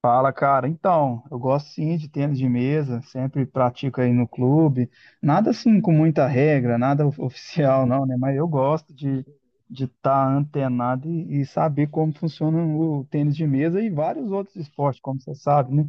Fala, cara. Então, eu gosto sim de tênis de mesa, sempre pratico aí no clube. Nada assim com muita regra, nada of- oficial não, né? Mas eu gosto de estar antenado e saber como funciona o tênis de mesa e vários outros esportes, como você sabe, né?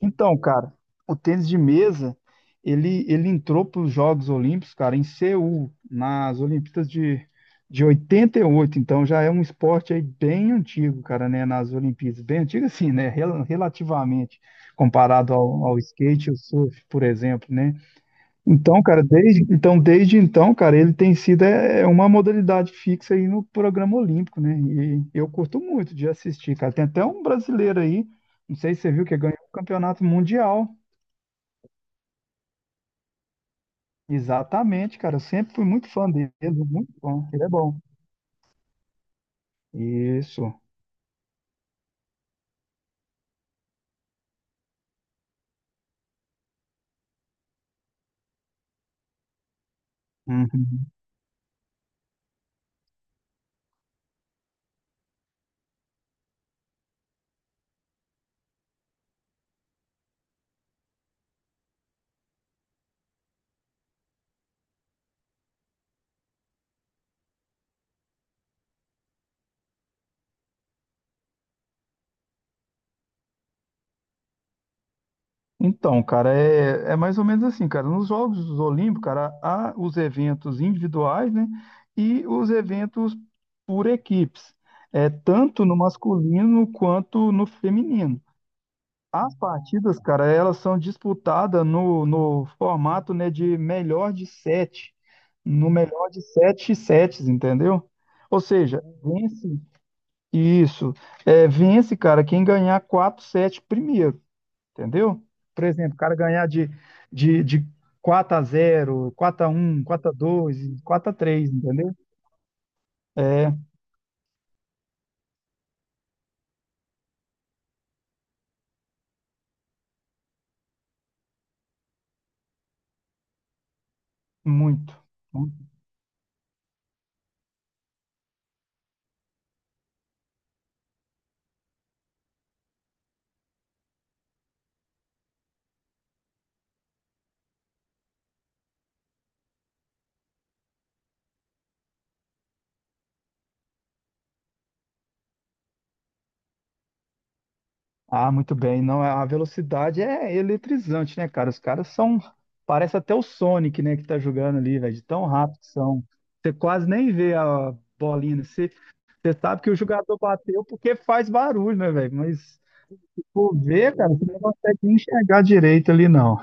Então, cara, o tênis de mesa, ele entrou para os Jogos Olímpicos, cara, em Seul, nas Olimpíadas de 88. Então já é um esporte aí bem antigo, cara, né? Nas Olimpíadas. Bem antigo, assim, né? Relativamente, comparado ao skate e ao surf, por exemplo, né? Então, cara, desde então, cara, ele tem sido é uma modalidade fixa aí no programa olímpico, né? E eu curto muito de assistir, cara. Tem até um brasileiro aí, não sei se você viu, que ganhou o campeonato mundial. Exatamente, cara. Eu sempre fui muito fã dele, muito bom. Ele é bom. Isso. Uhum. Então, cara, é mais ou menos assim, cara. Nos Jogos Olímpicos, cara, há os eventos individuais, né? E os eventos por equipes. É tanto no masculino quanto no feminino. As partidas, cara, elas são disputadas no formato, né, de melhor de sete. No melhor de sete sets, entendeu? Ou seja, vence isso. Vence, cara, quem ganhar quatro sets primeiro. Entendeu? Por exemplo, o cara ganhar de 4 a zero, quatro a um, 4 a 2, 4 a 3, entendeu? É muito. Muito. Ah, muito bem. Não, a velocidade é eletrizante, né, cara? Os caras são. Parece até o Sonic, né, que tá jogando ali, velho, de tão rápido que são. Você quase nem vê a bolinha, né? Você sabe que o jogador bateu porque faz barulho, né, velho? Mas por ver, cara, você não consegue enxergar direito ali, não.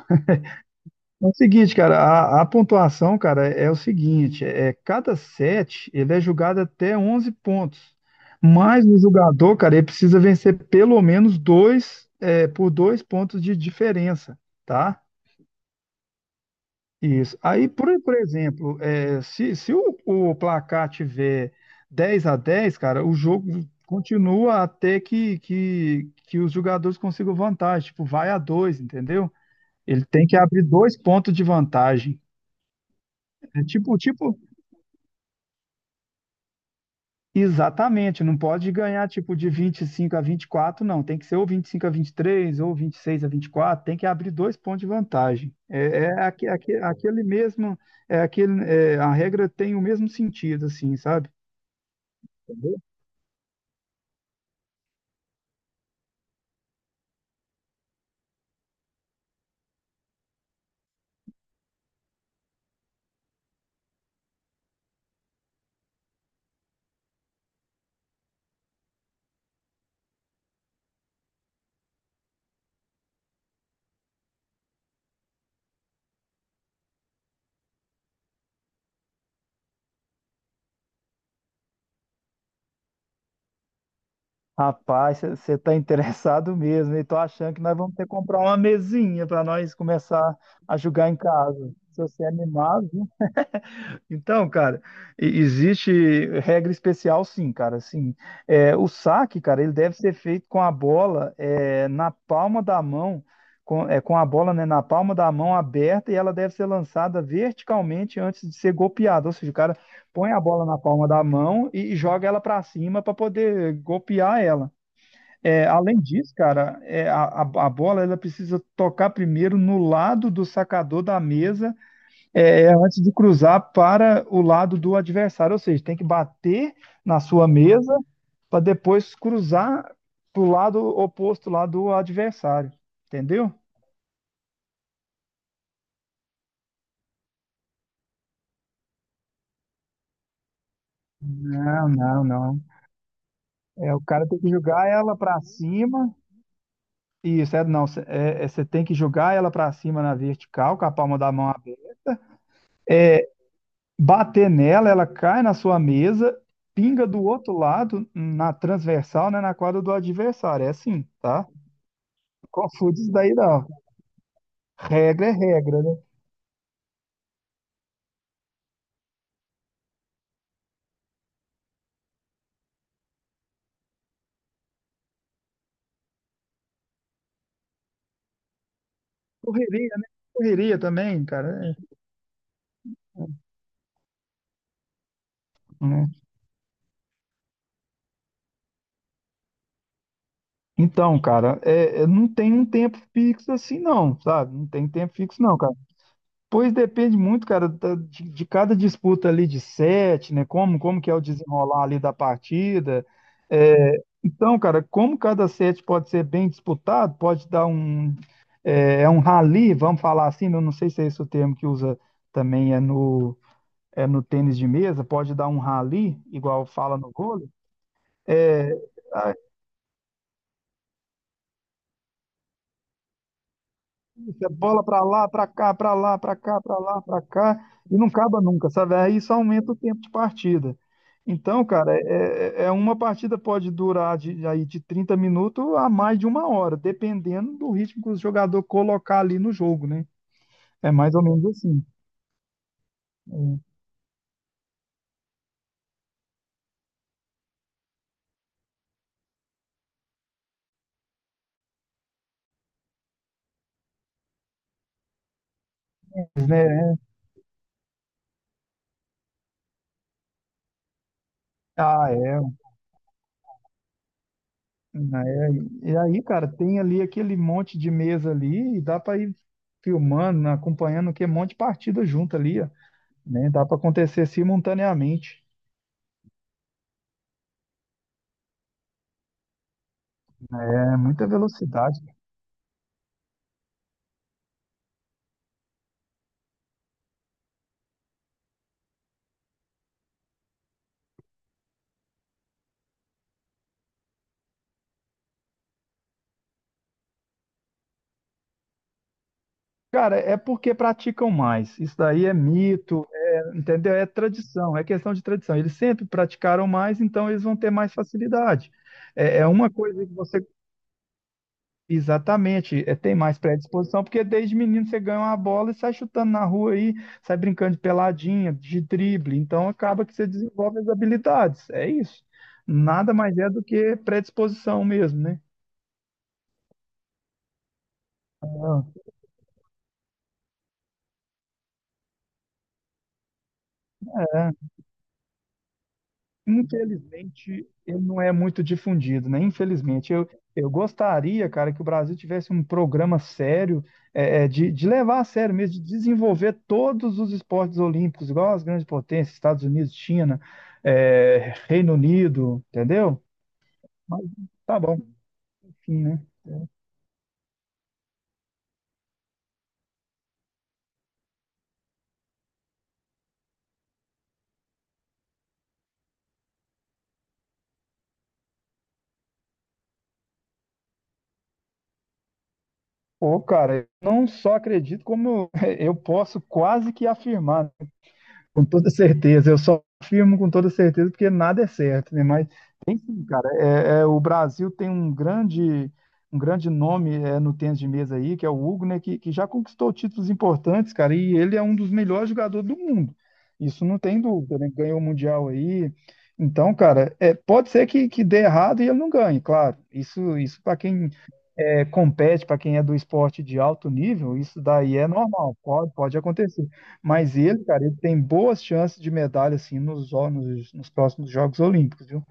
É o seguinte, cara, a pontuação, cara, é o seguinte, é cada set ele é julgado até 11 pontos, mas o jogador, cara, ele precisa vencer pelo menos dois, por dois pontos de diferença, tá? Isso. Aí, por exemplo, se o, o placar tiver 10 a 10, cara, o jogo continua até que os jogadores consigam vantagem, tipo, vai a dois, entendeu? Ele tem que abrir dois pontos de vantagem. É tipo, exatamente, não pode ganhar tipo de 25 a 24, não. Tem que ser ou 25 a 23 ou 26 a 24. Tem que abrir dois pontos de vantagem. É, é aque- aque- aquele mesmo, é aquele, é, a regra tem o mesmo sentido, assim, sabe? Entendeu? Rapaz, você tá interessado mesmo, e tô achando que nós vamos ter que comprar uma mesinha para nós começar a jogar em casa. Se você é animado. Então, cara, existe regra especial, sim, cara. Assim, é, o saque, cara, ele deve ser feito com a bola na palma da mão, com a bola, né, na palma da mão aberta e ela deve ser lançada verticalmente antes de ser golpeada. Ou seja, o cara põe a bola na palma da mão e joga ela para cima para poder golpear ela. É, além disso, cara, é, a a bola ela precisa tocar primeiro no lado do sacador da mesa antes de cruzar para o lado do adversário, ou seja, tem que bater na sua mesa para depois cruzar para o lado oposto lá do adversário, entendeu? Não, não, não. É, o cara tem que jogar ela para cima. Isso, é, não, cê- é, é, você tem que jogar ela para cima na vertical, com a palma da mão aberta, bater nela, ela cai na sua mesa, pinga do outro lado, na transversal, né, na quadra do adversário. É assim, tá? Não confunde isso daí, não. Regra é regra, né? Correria, né? Correria também, cara. É, né? Então, cara, não tem um tempo fixo assim, não, sabe? Não tem tempo fixo, não, cara. Pois depende muito, cara, de cada disputa ali de sete, né? Como que é o desenrolar ali da partida. É, então, cara, como cada set pode ser bem disputado, pode dar um, é um rally, vamos falar assim, né? Eu não sei se é esse o termo que usa também, no tênis de mesa, pode dar um rally, igual fala no vôlei, é, ah, isso é bola para lá, para cá, para lá, para cá, para lá, para cá, e não acaba nunca, sabe? Aí isso aumenta o tempo de partida. Então, cara, é uma partida pode durar de, aí de 30 minutos a mais de uma hora, dependendo do ritmo que o jogador colocar ali no jogo, né? É mais ou menos assim. É. Ah, é. Ah, é aí. E aí, cara, tem ali aquele monte de mesa ali e dá para ir filmando, acompanhando que é um monte de partida junto ali, ó, né? Dá para acontecer simultaneamente. É muita velocidade. Cara, é porque praticam mais. Isso daí é mito, é, entendeu? É tradição, é questão de tradição. Eles sempre praticaram mais, então eles vão ter mais facilidade. É, é uma coisa que você exatamente, é, tem mais predisposição, porque desde menino você ganha uma bola e sai chutando na rua aí, sai brincando de peladinha, de drible, então acaba que você desenvolve as habilidades, é isso. Nada mais é do que predisposição mesmo, né? Ah, é. Infelizmente, ele não é muito difundido, né? Infelizmente, eu gostaria, cara, que o Brasil tivesse um programa sério, de levar a sério mesmo, de desenvolver todos os esportes olímpicos, igual as grandes potências, Estados Unidos, China, é, Reino Unido, entendeu? Mas tá bom, enfim, né? Pô, cara, eu não só acredito, como eu eu posso quase que afirmar, né? Com toda certeza. Eu só afirmo com toda certeza porque nada é certo, né? Mas cara, o Brasil tem um grande nome é, no tênis de mesa aí, que é o Hugo, né, que já conquistou títulos importantes, cara, e ele é um dos melhores jogadores do mundo. Isso não tem dúvida, né? Ganhou o Mundial aí. Então, cara, é, pode ser que dê errado e ele não ganhe, claro. Isso para quem é, compete, para quem é do esporte de alto nível, isso daí é normal, pode acontecer. Mas ele, cara, ele tem boas chances de medalha, assim, nos próximos Jogos Olímpicos, viu?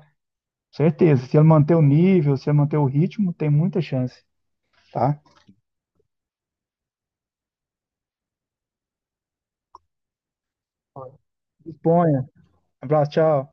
Certeza. Se ele manter o nível, se ele manter o ritmo, tem muita chance, tá? Disponha. Abraço, tchau.